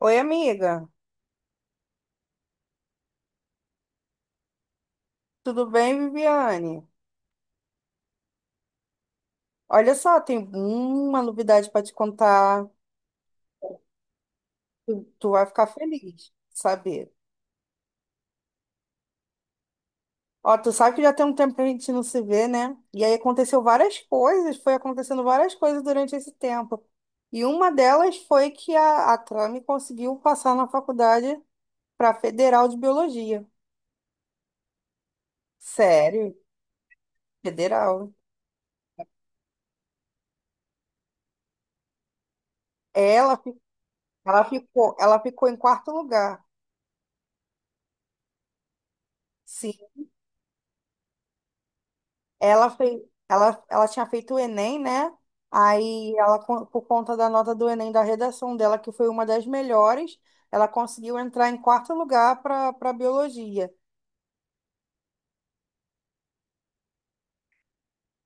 Oi, amiga. Tudo bem, Viviane? Olha só, tem uma novidade para te contar. Tu vai ficar feliz, de saber. Ó, tu sabe que já tem um tempo que a gente não se vê, né? E aí aconteceu várias coisas, foi acontecendo várias coisas durante esse tempo. E uma delas foi que a Trame conseguiu passar na faculdade para Federal de Biologia. Sério, Federal. Ela, fi- ela ficou em quarto lugar. Sim. Ela fez, ela tinha feito o Enem, né? Aí por conta da nota do Enem, da redação dela, que foi uma das melhores, ela conseguiu entrar em quarto lugar para para biologia.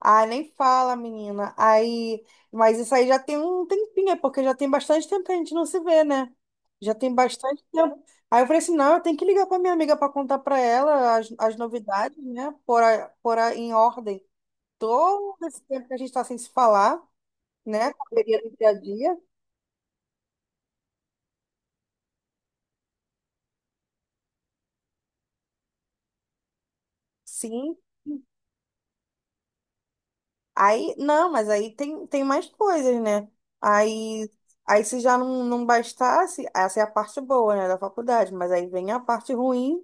Ah, nem fala, menina. Aí, mas isso aí já tem um tempinho, é porque já tem bastante tempo que a gente não se vê, né? Já tem bastante tempo. Aí eu falei assim, não, eu tenho que ligar para minha amiga para contar para ela as novidades, né? Em ordem. Todo esse tempo que a gente está sem se falar, né? Correria do dia a dia, sim. Aí, não, mas aí tem, tem mais coisas, né? Aí, aí se já não bastasse, essa é a parte boa, né, da faculdade, mas aí vem a parte ruim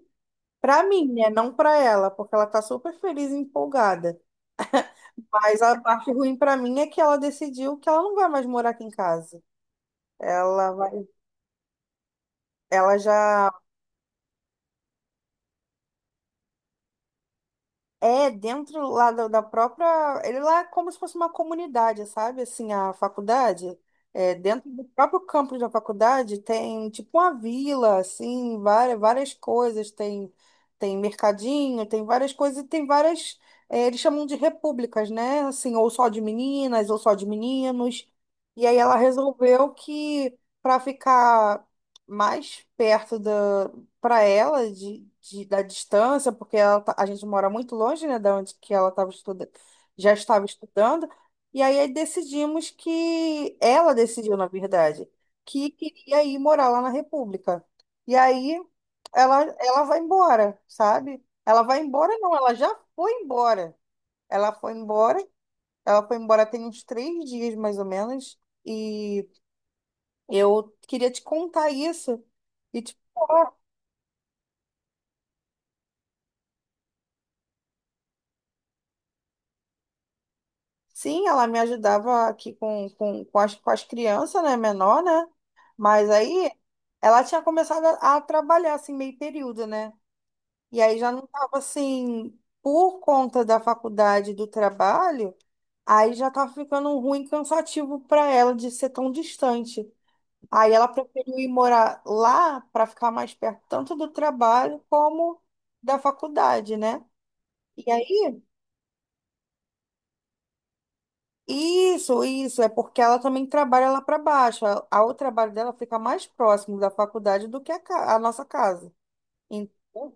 pra mim, né? Não pra ela, porque ela tá super feliz e empolgada. Mas a parte ruim pra mim é que ela decidiu que ela não vai mais morar aqui em casa. Ela vai, ela já... É, dentro lá da própria. Ele lá é como se fosse uma comunidade, sabe? Assim, a faculdade. É, dentro do próprio campus da faculdade tem tipo uma vila, assim, várias coisas. Tem, tem mercadinho, tem várias coisas, e tem várias. É, eles chamam de repúblicas, né? Assim, ou só de meninas, ou só de meninos. E aí ela resolveu que para ficar mais perto para ela da distância, porque ela tá... a gente mora muito longe, né, da onde que ela estava estudando, já estava estudando, e aí decidimos que ela decidiu, na verdade, que queria ir morar lá na República. E aí ela vai embora, sabe? Ela vai embora, não, ela já foi embora. Ela foi embora, ela foi embora tem uns 3 dias mais ou menos, e eu queria te contar isso. E tipo... Sim, ela me ajudava aqui com as crianças, né, menor, né? Mas aí ela tinha começado a trabalhar, assim, meio período, né? E aí já não estava, assim, por conta da faculdade, do trabalho, aí já estava ficando ruim, cansativo para ela de ser tão distante. Aí ela preferiu ir morar lá para ficar mais perto, tanto do trabalho como da faculdade, né? E aí. Isso, é porque ela também trabalha lá para baixo. O trabalho dela fica mais próximo da faculdade do que a nossa casa. Então,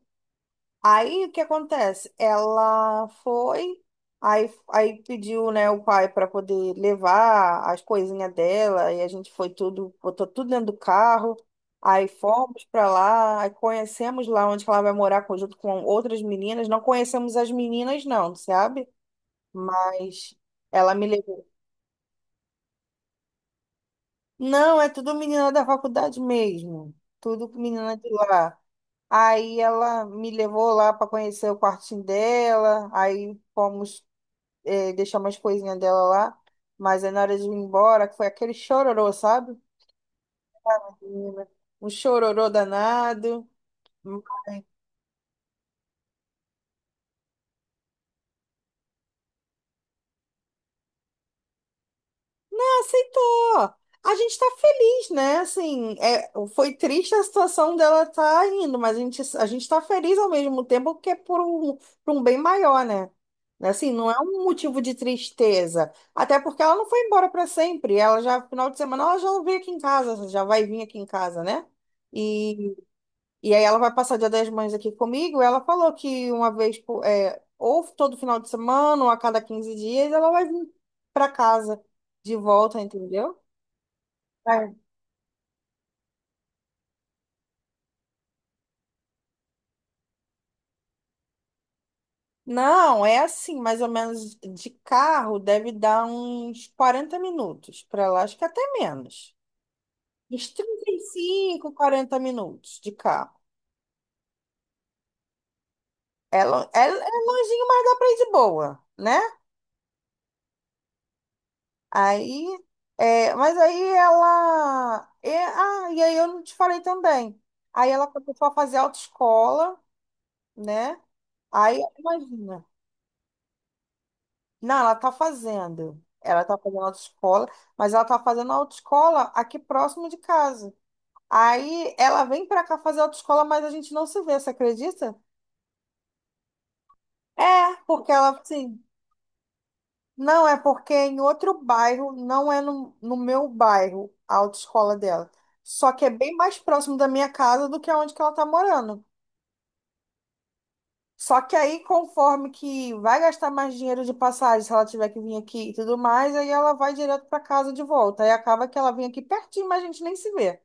aí o que acontece? Ela foi, aí, aí pediu, né, o pai para poder levar as coisinhas dela, e a gente foi tudo, botou tudo dentro do carro. Aí fomos para lá, aí conhecemos lá onde que ela vai morar junto com outras meninas. Não conhecemos as meninas, não, sabe? Mas ela me levou. Não, é tudo menina da faculdade mesmo. Tudo com menina de lá. Aí ela me levou lá para conhecer o quartinho dela. Aí fomos deixar umas coisinhas dela lá. Mas aí na hora de ir embora, que foi aquele chororô, sabe? Menina, um chororô danado. Aceitou. A gente tá feliz, né? Assim, é, foi triste a situação dela tá indo, mas a gente tá feliz ao mesmo tempo porque é por um bem maior, né? Assim, não é um motivo de tristeza. Até porque ela não foi embora para sempre. Ela já, final de semana, ela já veio aqui em casa, já vai vir aqui em casa, né? E aí ela vai passar Dia das Mães aqui comigo. Ela falou que uma vez, é, ou todo final de semana, ou a cada 15 dias, ela vai vir para casa de volta, entendeu? É. Não, é assim, mais ou menos de carro deve dar uns 40 minutos para lá, acho que até menos. Uns 35, 40 minutos de carro. É, é, é longinho, mas dá para ir de boa, né? Aí, é, mas aí ela... é, ah, e aí eu não te falei também. Aí ela começou a fazer autoescola, né? Aí, imagina. Não, ela tá fazendo. Ela tá fazendo autoescola, mas ela tá fazendo autoescola aqui próximo de casa. Aí ela vem pra cá fazer autoescola, mas a gente não se vê, você acredita? É, porque ela, assim... Não, é porque é em outro bairro, não é no meu bairro, a autoescola dela. Só que é bem mais próximo da minha casa do que onde que ela tá morando. Só que aí, conforme que vai gastar mais dinheiro de passagem, se ela tiver que vir aqui e tudo mais, aí ela vai direto para casa de volta. Aí acaba que ela vem aqui pertinho, mas a gente nem se vê.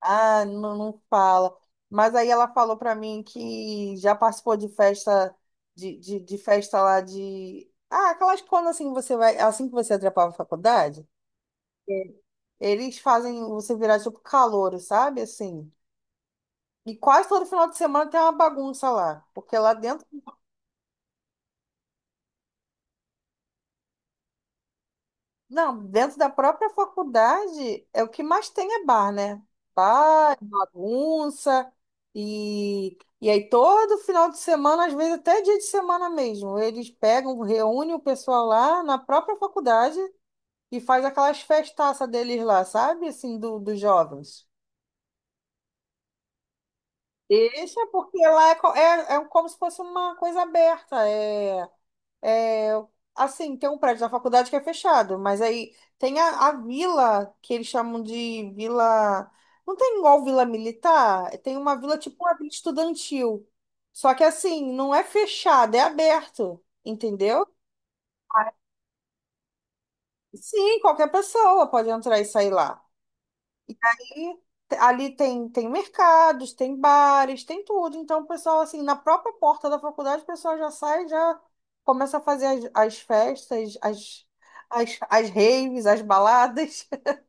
Ah, não fala. Mas aí ela falou pra mim que já participou de festa, de festa lá de... Ah, aquelas quando assim você vai, é assim que você atrapalha a faculdade. É. Eles fazem você virar tipo calouro, sabe? Assim. E quase todo final de semana tem uma bagunça lá. Porque lá dentro... Não, dentro da própria faculdade, é o que mais tem é bar, né? Bar, bagunça, e aí todo final de semana, às vezes até dia de semana mesmo, eles pegam, reúnem o pessoal lá na própria faculdade e faz aquelas festaças deles lá, sabe? Assim, do, dos jovens. Deixa, porque lá é, é, é como se fosse uma coisa aberta, é. É, assim, tem um prédio da faculdade que é fechado, mas aí tem a vila, que eles chamam de vila. Não tem igual vila militar, é, tem uma vila tipo uma vila estudantil. Só que assim, não é fechado, é aberto, entendeu? Sim, qualquer pessoa pode entrar e sair lá. E aí, ali tem, tem mercados, tem bares, tem tudo. Então, o pessoal, assim, na própria porta da faculdade, o pessoal já sai, já começa a fazer as raves, as baladas.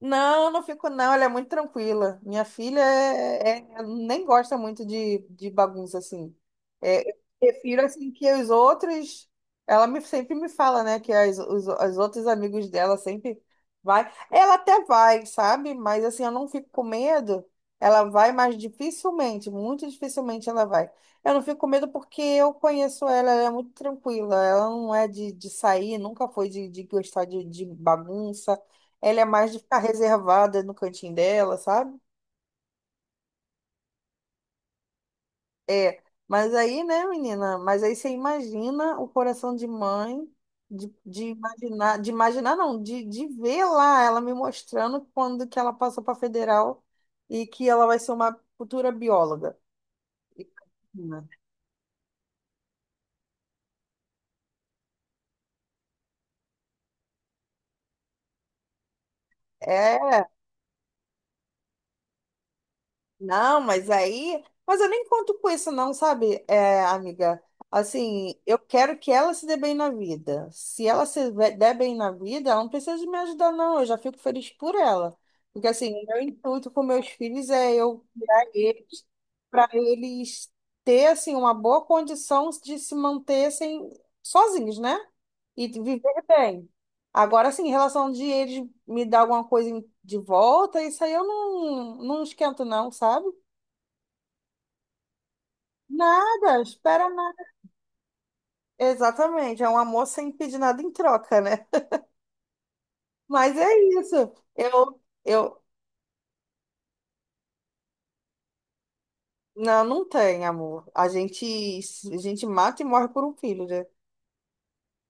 Não, não fico não, ela é muito tranquila. Minha filha é, nem gosta muito de bagunça assim. É, eu prefiro assim que os outros, ela me, sempre me fala, né, que os outros amigos dela sempre vai. Ela até vai, sabe? Mas assim, eu não fico com medo. Ela vai, mas dificilmente, muito dificilmente ela vai. Eu não fico com medo porque eu conheço ela, ela é muito tranquila. Ela não é de sair, nunca foi de gostar de bagunça. Ela é mais de ficar reservada no cantinho dela, sabe? É. Mas aí, né, menina? Mas aí você imagina o coração de mãe, de imaginar não, de ver lá ela me mostrando quando que ela passou para federal e que ela vai ser uma futura bióloga. E, menina, não, mas aí... Mas eu nem conto com isso, não, sabe, é, amiga? Assim, eu quero que ela se dê bem na vida. Se ela se ve- der bem na vida, ela não precisa de me ajudar, não. Eu já fico feliz por ela. Porque, assim, o meu intuito com meus filhos é eu criar eles para eles ter, assim, uma boa condição de se manter sem, sozinhos, né? E de viver bem. Agora, assim, em relação de eles me dar alguma coisa de volta, isso aí eu não esquento, não, sabe? Nada, espera nada. Exatamente, é um amor sem pedir nada em troca, né? Mas é isso. Eu, eu, não, não tem amor. A gente mata e morre por um filho, né?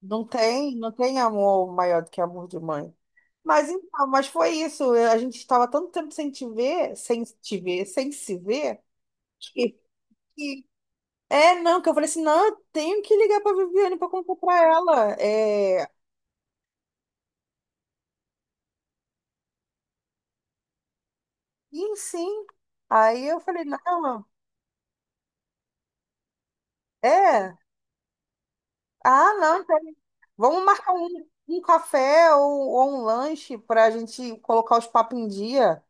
Não tem, não tem amor maior do que amor de mãe. Mas então, mas foi isso. A gente estava tanto tempo sem se ver, que, que- é, não, que eu falei assim, não, eu tenho que ligar para Viviane para contar para ela. É, e sim. Aí eu falei, não, é. Ah, não, então vamos marcar um, um café ou um lanche para a gente colocar os papos em dia.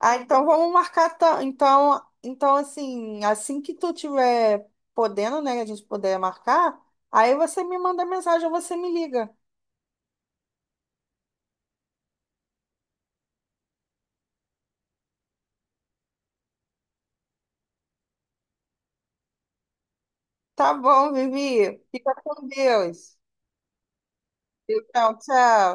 Ah, então vamos marcar. Então, então, assim, assim que tu tiver podendo, né, que a gente puder marcar, aí você me manda mensagem ou você me liga. Tá bom, Vivi. Fica com Deus. Tchau, tchau.